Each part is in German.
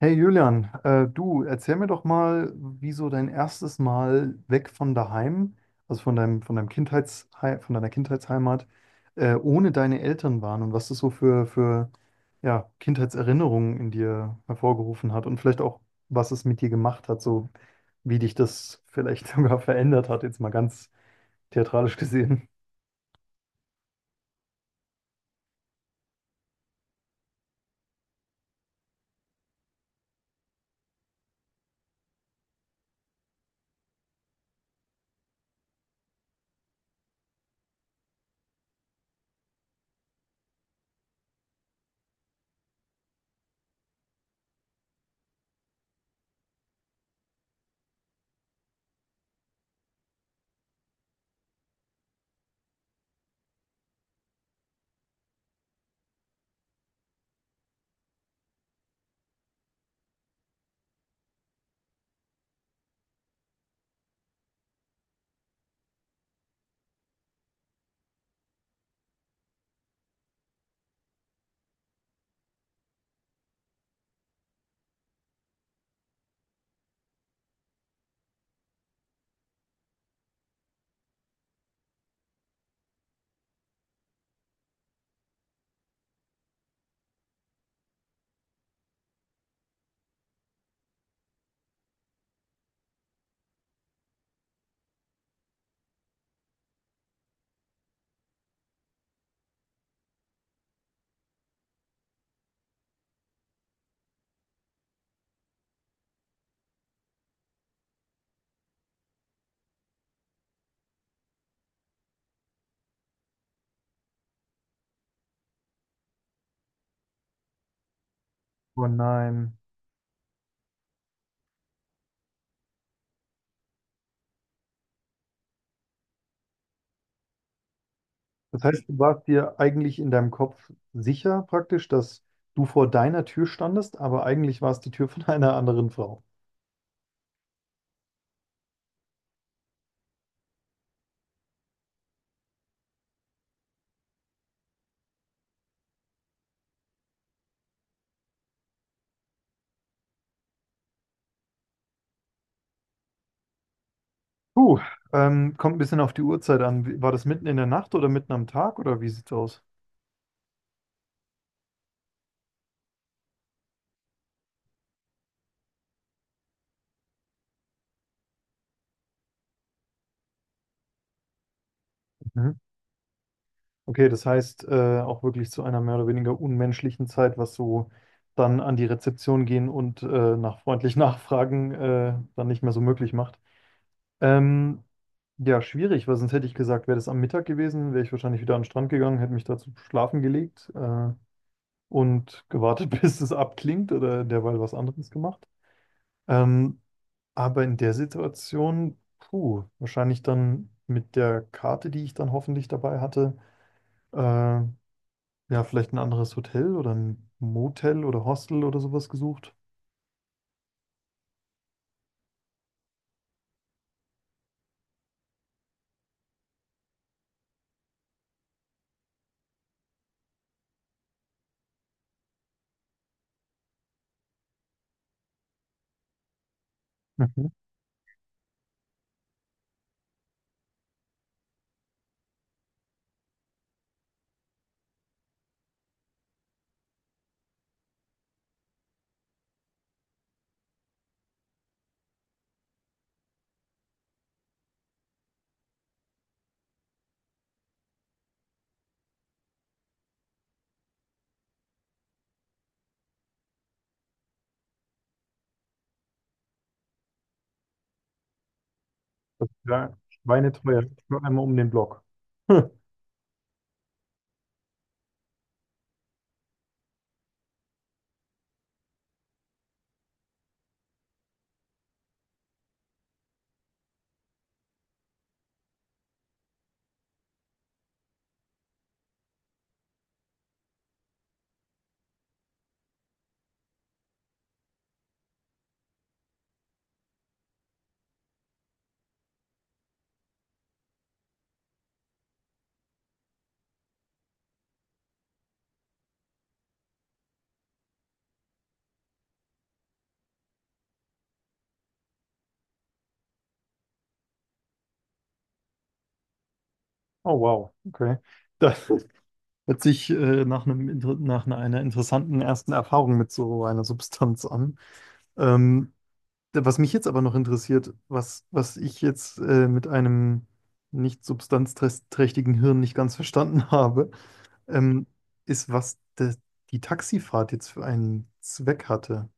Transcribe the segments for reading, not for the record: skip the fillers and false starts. Hey Julian, du, erzähl mir doch mal, wie so dein erstes Mal weg von daheim, also von deinem Kindheitshei von deiner Kindheitsheimat, ohne deine Eltern waren und was das so für ja, Kindheitserinnerungen in dir hervorgerufen hat und vielleicht auch, was es mit dir gemacht hat, so wie dich das vielleicht sogar verändert hat, jetzt mal ganz theatralisch gesehen. Oh nein. Das heißt, du warst dir eigentlich in deinem Kopf sicher praktisch, dass du vor deiner Tür standest, aber eigentlich war es die Tür von einer anderen Frau. Puh, kommt ein bisschen auf die Uhrzeit an. War das mitten in der Nacht oder mitten am Tag oder wie sieht's aus? Mhm. Okay, das heißt auch wirklich zu einer mehr oder weniger unmenschlichen Zeit, was so dann an die Rezeption gehen und nach freundlich nachfragen dann nicht mehr so möglich macht. Ähm, ja, schwierig, weil sonst hätte ich gesagt, wäre das am Mittag gewesen, wäre ich wahrscheinlich wieder an den Strand gegangen, hätte mich dazu schlafen gelegt und gewartet, bis es abklingt oder derweil was anderes gemacht. Ähm, aber in der Situation, puh, wahrscheinlich dann mit der Karte, die ich dann hoffentlich dabei hatte, äh, ja, vielleicht ein anderes Hotel oder ein Motel oder Hostel oder sowas gesucht. Mhm. Das wäre schweineteuer, nur einmal um den Block. Oh wow, okay. Da, hört sich nach nach einer interessanten ersten Erfahrung mit so einer Substanz an. Ähm, was mich jetzt aber noch interessiert, was ich jetzt mit einem nicht substanzträchtigen Hirn nicht ganz verstanden habe, ähm, ist, die Taxifahrt jetzt für einen Zweck hatte.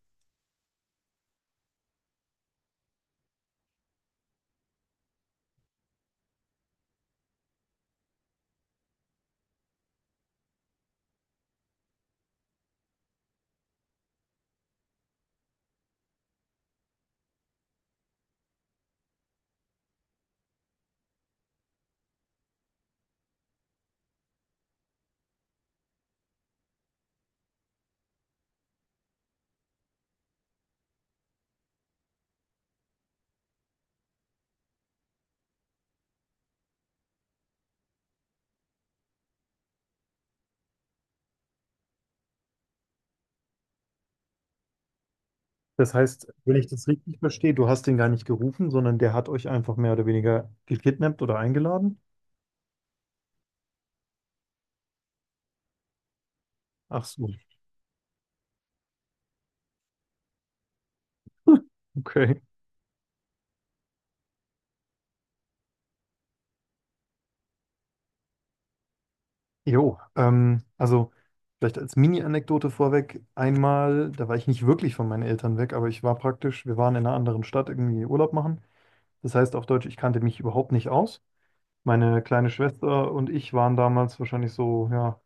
Das heißt, wenn ich das richtig verstehe, du hast den gar nicht gerufen, sondern der hat euch einfach mehr oder weniger gekidnappt oder eingeladen? Ach so, okay. Jo, also vielleicht als Mini-Anekdote vorweg, einmal, da war ich nicht wirklich von meinen Eltern weg, aber ich war praktisch, wir waren in einer anderen Stadt irgendwie Urlaub machen. Das heißt auf Deutsch, ich kannte mich überhaupt nicht aus. Meine kleine Schwester und ich waren damals wahrscheinlich so, ja,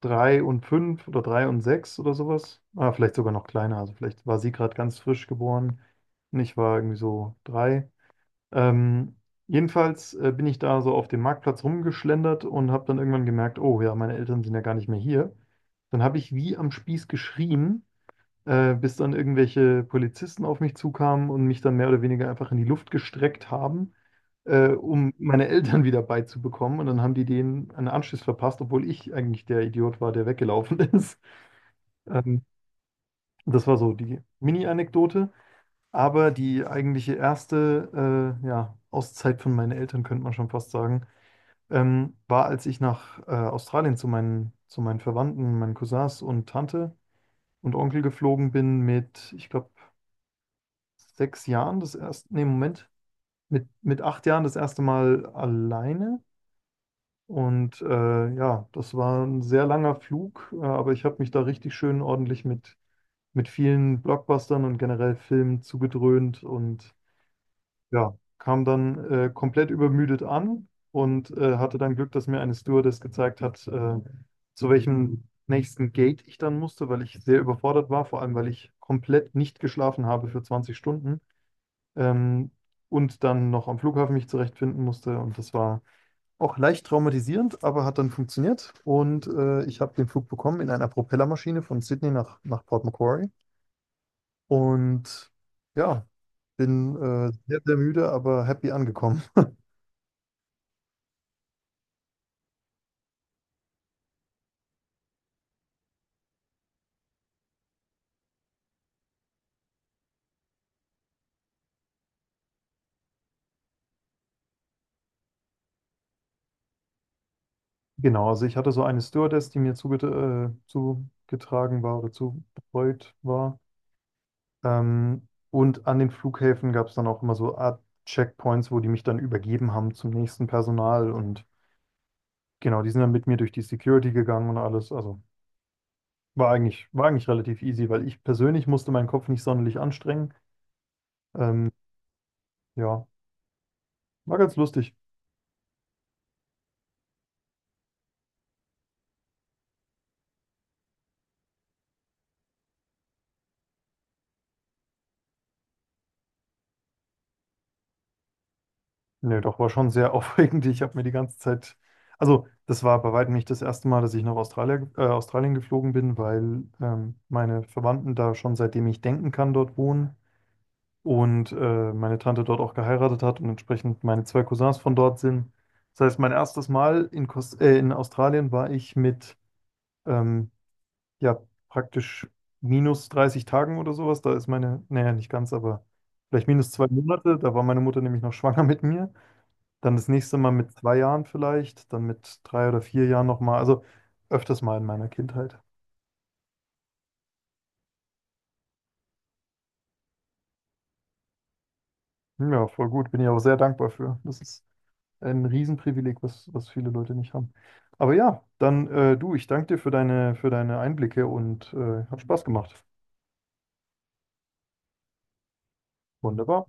drei und fünf oder drei und sechs oder sowas. Ah, vielleicht sogar noch kleiner, also vielleicht war sie gerade ganz frisch geboren und ich war irgendwie so drei. Ähm, jedenfalls bin ich da so auf dem Marktplatz rumgeschlendert und habe dann irgendwann gemerkt, oh ja, meine Eltern sind ja gar nicht mehr hier. Dann habe ich wie am Spieß geschrien, bis dann irgendwelche Polizisten auf mich zukamen und mich dann mehr oder weniger einfach in die Luft gestreckt haben, um meine Eltern wieder beizubekommen. Und dann haben die denen einen Anschluss verpasst, obwohl ich eigentlich der Idiot war, der weggelaufen ist. Ähm, das war so die Mini-Anekdote. Aber die eigentliche erste ja, Auszeit von meinen Eltern, könnte man schon fast sagen, war, als ich nach Australien zu meinen Verwandten, meinen Cousins und Tante und Onkel geflogen bin mit, ich glaube, sechs Jahren das erste, nee, Moment, mit 8 Jahren das erste Mal alleine. Und ja, das war ein sehr langer Flug, aber ich habe mich da richtig schön ordentlich mit vielen Blockbustern und generell Filmen zugedröhnt und ja, kam dann komplett übermüdet an und hatte dann Glück, dass mir eine Stewardess gezeigt hat, zu welchem nächsten Gate ich dann musste, weil ich sehr überfordert war, vor allem weil ich komplett nicht geschlafen habe für 20 Stunden, ähm, und dann noch am Flughafen mich zurechtfinden musste. Und das war auch leicht traumatisierend, aber hat dann funktioniert. Und ich habe den Flug bekommen in einer Propellermaschine von Sydney nach Port Macquarie. Und ja, bin sehr, sehr müde, aber happy angekommen. Genau, also ich hatte so eine Stewardess, die mir zugetragen war oder zubetreut war. Und an den Flughäfen gab es dann auch immer so Art Checkpoints, wo die mich dann übergeben haben zum nächsten Personal. Und genau, die sind dann mit mir durch die Security gegangen und alles. Also war war eigentlich relativ easy, weil ich persönlich musste meinen Kopf nicht sonderlich anstrengen. Ähm, ja, war ganz lustig. Nee, doch, war schon sehr aufregend. Ich habe mir die ganze Zeit, also das war bei weitem nicht das erste Mal, dass ich nach Australien geflogen bin, weil meine Verwandten da schon seitdem ich denken kann dort wohnen und meine Tante dort auch geheiratet hat und entsprechend meine zwei Cousins von dort sind. Das heißt, mein erstes Mal in Australien war ich mit ähm, ja, praktisch minus 30 Tagen oder sowas. Da ist meine, naja, nicht ganz, aber vielleicht minus 2 Monate. Da war meine Mutter nämlich noch schwanger mit mir. Dann das nächste Mal mit 2 Jahren vielleicht, dann mit drei oder vier Jahren nochmal. Also öfters mal in meiner Kindheit. Ja, voll gut. Bin ich auch sehr dankbar für. Das ist ein Riesenprivileg, was, was viele Leute nicht haben. Aber ja, dann du, ich danke dir für für deine Einblicke und hat Spaß gemacht. Wunderbar.